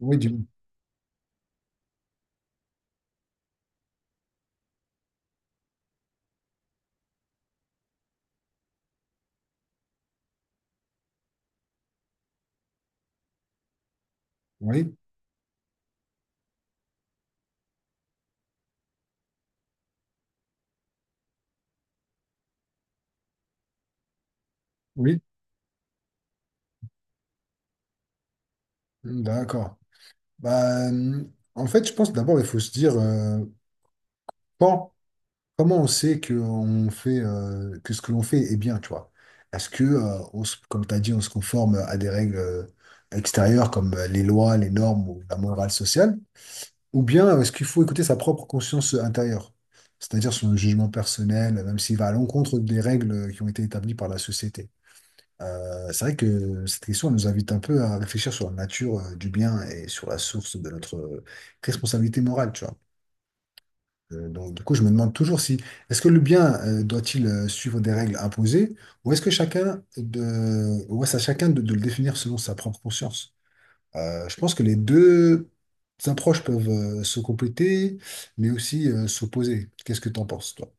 Oui, du... oui, oui, mmh, d'accord. Bah, euh, En fait, je pense d'abord, il faut se dire quand- comment on sait que, on fait, que ce que l'on fait est bien, tu vois. Est-ce que, on se- comme tu as dit, on se conforme à des règles extérieures comme les lois, les normes ou la morale sociale, ou bien est-ce qu'il faut écouter sa propre conscience intérieure, c'est-à-dire son jugement personnel, même s'il va à l'encontre des règles qui ont été établies par la société. C'est vrai que cette question elle nous invite un peu à réfléchir sur la nature du bien et sur la source de notre responsabilité morale, tu vois. Du coup, je me demande toujours si, est-ce que le bien doit-il suivre des règles imposées ou est-ce que chacun de, ou est-ce à chacun de le définir selon sa propre conscience? Je pense que les deux approches peuvent se compléter, mais aussi s'opposer. Qu'est-ce que tu en penses, toi?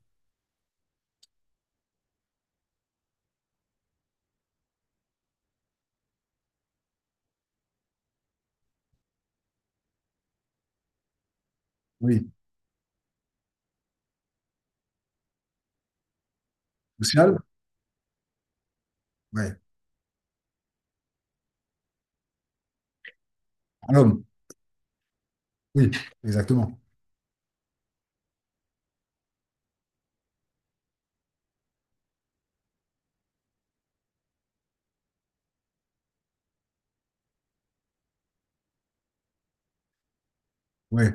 Oui. Social? Ouais. À l'homme. Oui, exactement. Oui.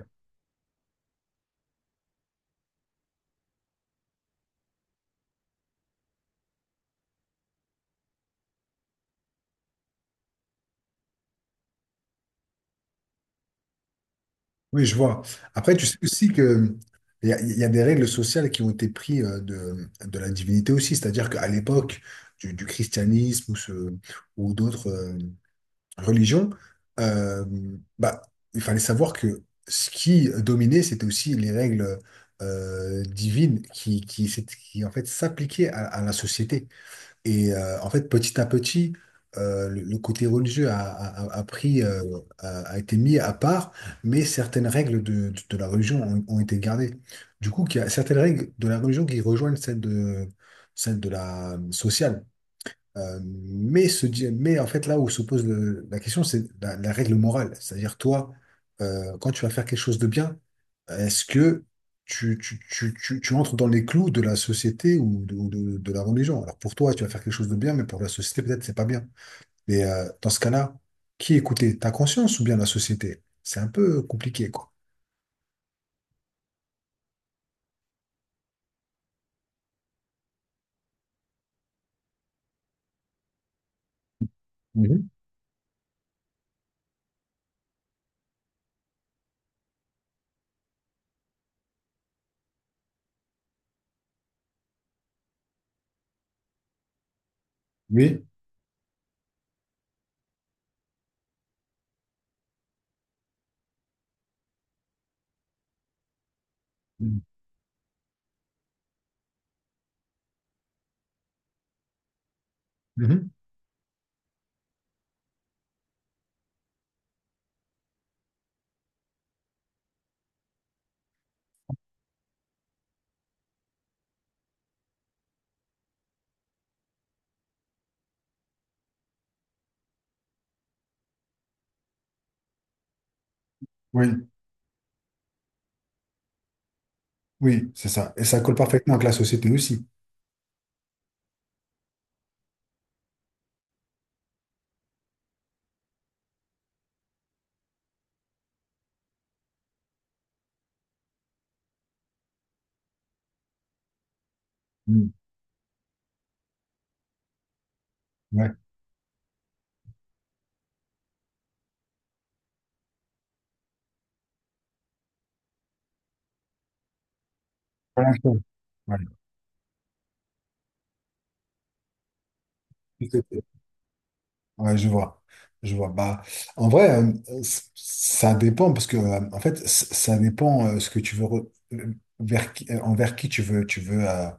Oui, je vois. Après, tu sais aussi que il y a des règles sociales qui ont été prises de la divinité aussi, c'est-à-dire qu'à l'époque du christianisme ou d'autres religion, euh, bah, il fallait savoir que ce qui dominait, c'était aussi les règles divines qui, qui, en fait s'appliquaient à la société. Et en fait, petit à petit, le côté religieux a pris, a été mis à part, mais certaines règles de la religion ont, ont été gardées. Du coup, il y a certaines règles de la religion qui rejoignent celles de la sociale. Mais en fait, là où se pose la question, c'est la, la règle morale. C'est-à-dire, toi, quand tu vas faire quelque chose de bien, est-ce que tu entres dans les clous de la société ou de la religion? Alors pour toi, tu vas faire quelque chose de bien, mais pour la société, peut-être, c'est pas bien. Mais dans ce cas-là, qui écouter? Ta conscience ou bien la société? C'est un peu compliqué, quoi. Mhm. Oui. Mhm. Mhm. Oui, oui, c'est ça. Et ça colle parfaitement avec la société aussi. Mhm. Ouais. Voilà. Ouais. Ouais, je vois. Je vois. En vrai, ça dépend parce que, en fait, ça dépend ce que tu veux, vers qui, envers qui tu veux, tu veux, euh,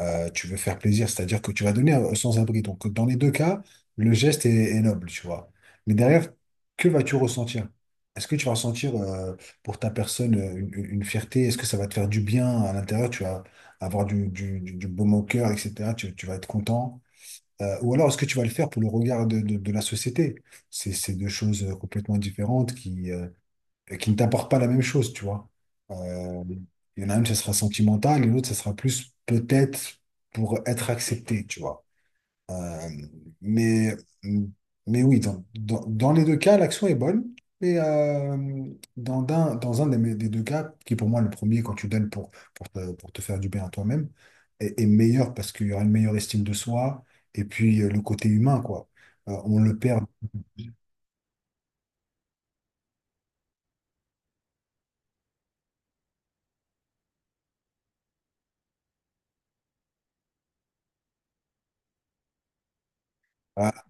euh, tu veux faire plaisir. C'est-à-dire que tu vas donner sans abri. Donc, dans les deux cas, le geste est, est noble, tu vois. Mais derrière, que vas-tu ressentir? Est-ce que tu vas ressentir pour ta personne une, une fierté? Est-ce que ça va te faire du bien à l'intérieur? Tu vas avoir du baume au cœur, etc. Tu vas être content. Ou alors, est-ce que tu vas le faire pour le regard de la société? C'est deux choses complètement différentes qui ne t'apportent pas la même chose, tu vois. Euh, il y en a une, ça sera sentimental, et l'autre, ça sera plus peut-être pour être accepté, tu vois. Euh, mais, mais oui, dans les deux cas, l'action est bonne. Mais dans un, des deux cas, qui est pour moi le premier, quand tu donnes pour, pour te faire du bien à toi-même, est, est meilleur parce qu'il y aura une meilleure estime de soi et puis le côté humain, quoi. On le perd à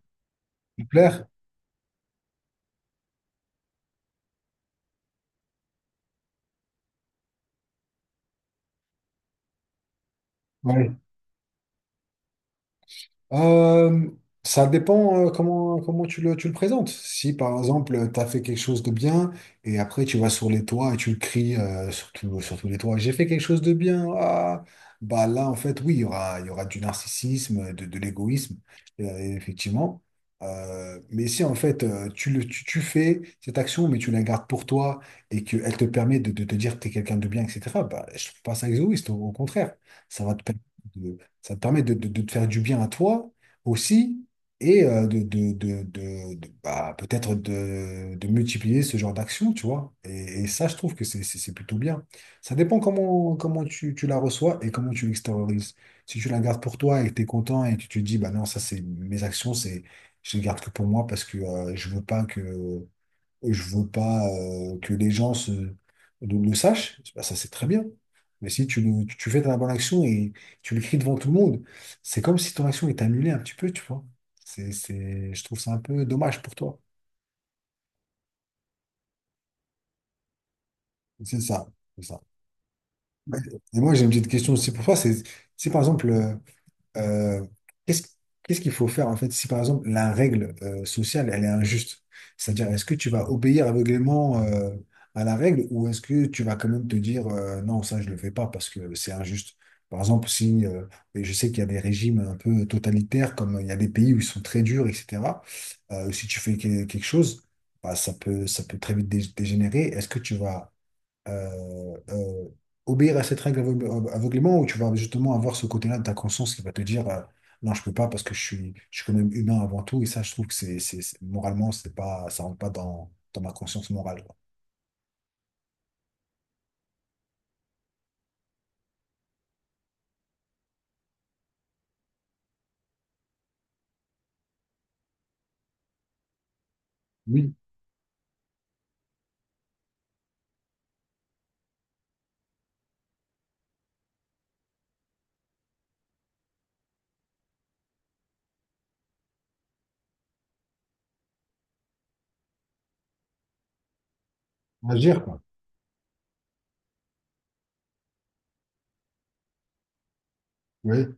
plaire. Euh, Ça dépend comment, comment tu le présentes. Si par exemple, tu as fait quelque chose de bien et après tu vas sur les toits et tu le cries sur sur tous les toits, j'ai fait quelque chose de bien. Bah là, en fait, oui, il y aura du narcissisme, de l'égoïsme, euh, effectivement. Mais si en fait, tu fais cette action, mais tu la gardes pour toi et qu'elle te permet de te dire que tu es quelqu'un de bien, etc., bah, je trouve pas ça égoïste, au contraire. Ça va te permettre. de, Ça te permet de, de te faire du bien à toi aussi et de- bah, peut-être de multiplier ce genre d'action, tu vois. Et ça, je trouve que c'est plutôt bien. Ça dépend comment, comment tu la reçois et comment tu l'extériorises. Si tu la gardes pour toi et que tu es content et que tu te dis, bah non, ça, c'est mes actions, c'est, je les garde que pour moi parce que je veux pas que et je veux pas que les gens se, le sachent, bah, ça c'est très bien. Mais si tu fais ta bonne action et tu l'écris devant tout le monde, c'est comme si ton action est annulée un petit peu, tu vois. Je trouve ça un peu dommage pour toi. C'est ça, c'est ça. Ouais. Et moi, j'ai une petite question aussi pour toi. C'est par exemple, euh, qu'est-ce qu'est-ce qu'il faut faire en fait si par exemple la règle sociale elle est injuste? C'est-à-dire est-ce que tu vas obéir aveuglément à la règle ou est-ce que tu vas quand même te dire non ça je le fais pas parce que c'est injuste? Par exemple si et je sais qu'il y a des régimes un peu totalitaires comme il y a des pays où ils sont très durs etc. Si tu fais quelque chose bah, ça peut très vite dégénérer. Est-ce que tu vas euh, euh, obéir à cette règle aveuglément où tu vas justement avoir ce côté-là de ta conscience qui va te dire non, je peux pas parce que je suis quand même humain avant tout. Et ça, je trouve que moralement, c'est pas, ça rentre pas dans ma conscience morale. Quoi. Oui, agir, quoi. Oui,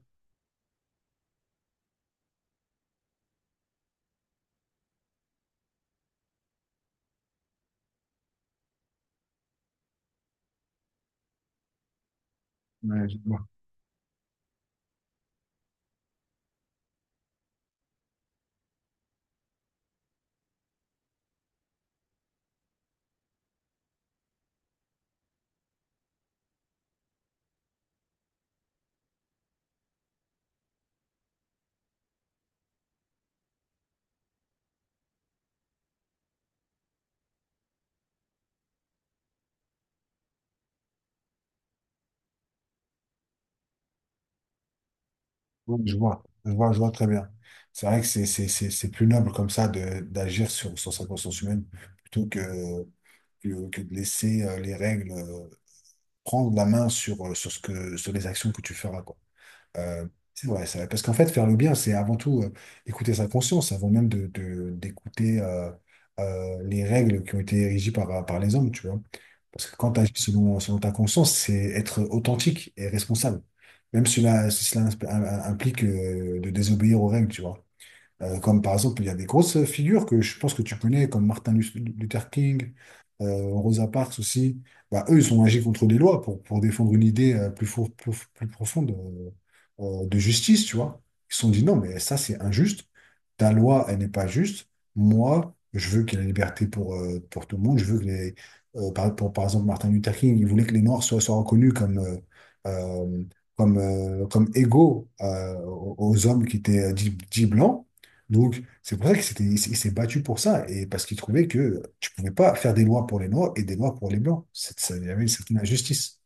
ouais, je vois. Oui, je vois. Je vois, je vois très bien. C'est vrai que c'est plus noble comme ça de d'agir sur, sur sa conscience humaine plutôt que, que de laisser les règles prendre la main sur, sur les actions que tu feras, quoi. Euh, c'est vrai, c'est vrai. Parce qu'en fait, faire le bien, c'est avant tout écouter sa conscience, avant même de, d'écouter les règles qui ont été régies par, par les hommes, tu vois. Parce que quand tu agis selon, selon ta conscience, c'est être authentique et responsable. Même si cela, si cela implique de désobéir aux règles, tu vois. Comme par exemple, il y a des grosses figures que je pense que tu connais, comme Martin Luther King, Rosa Parks aussi. Bah, eux, ils ont agi contre des lois pour défendre une idée plus profonde de justice, tu vois. Ils se sont dit non, mais ça, c'est injuste. Ta loi, elle n'est pas juste. Moi, je veux qu'il y ait la liberté pour tout le monde. Je veux que les. Par exemple, Martin Luther King, il voulait que les Noirs soient, soient reconnus comme. Euh, comme, comme égaux aux aux hommes qui étaient dits dits blancs. Donc, c'est pour ça il s'est battu pour ça, et parce qu'il trouvait que tu pouvais pas faire des lois pour les Noirs et des lois pour les Blancs. Il y avait une certaine injustice.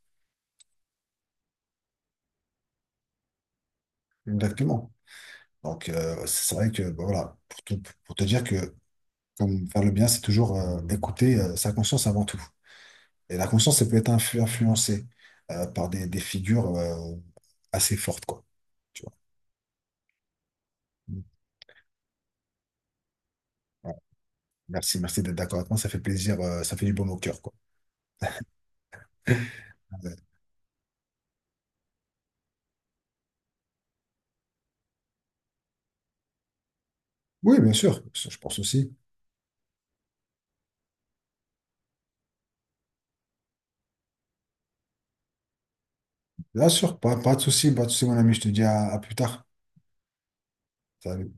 Exactement. Donc, c'est vrai que, bah, voilà, pour te dire que comme faire le bien, c'est toujours écouter sa conscience avant tout. Et la conscience, elle peut être influencée par des figures assez fortes, quoi. Tu vois. Mm. Voilà. Merci, merci d'être d'accord avec moi. Ça fait plaisir, ça fait du baume au cœur, quoi. Ouais. Oui, bien sûr, je pense aussi. Bien sûr, pas, pas de souci, pas de souci, mon ami, je te dis à plus tard. Salut.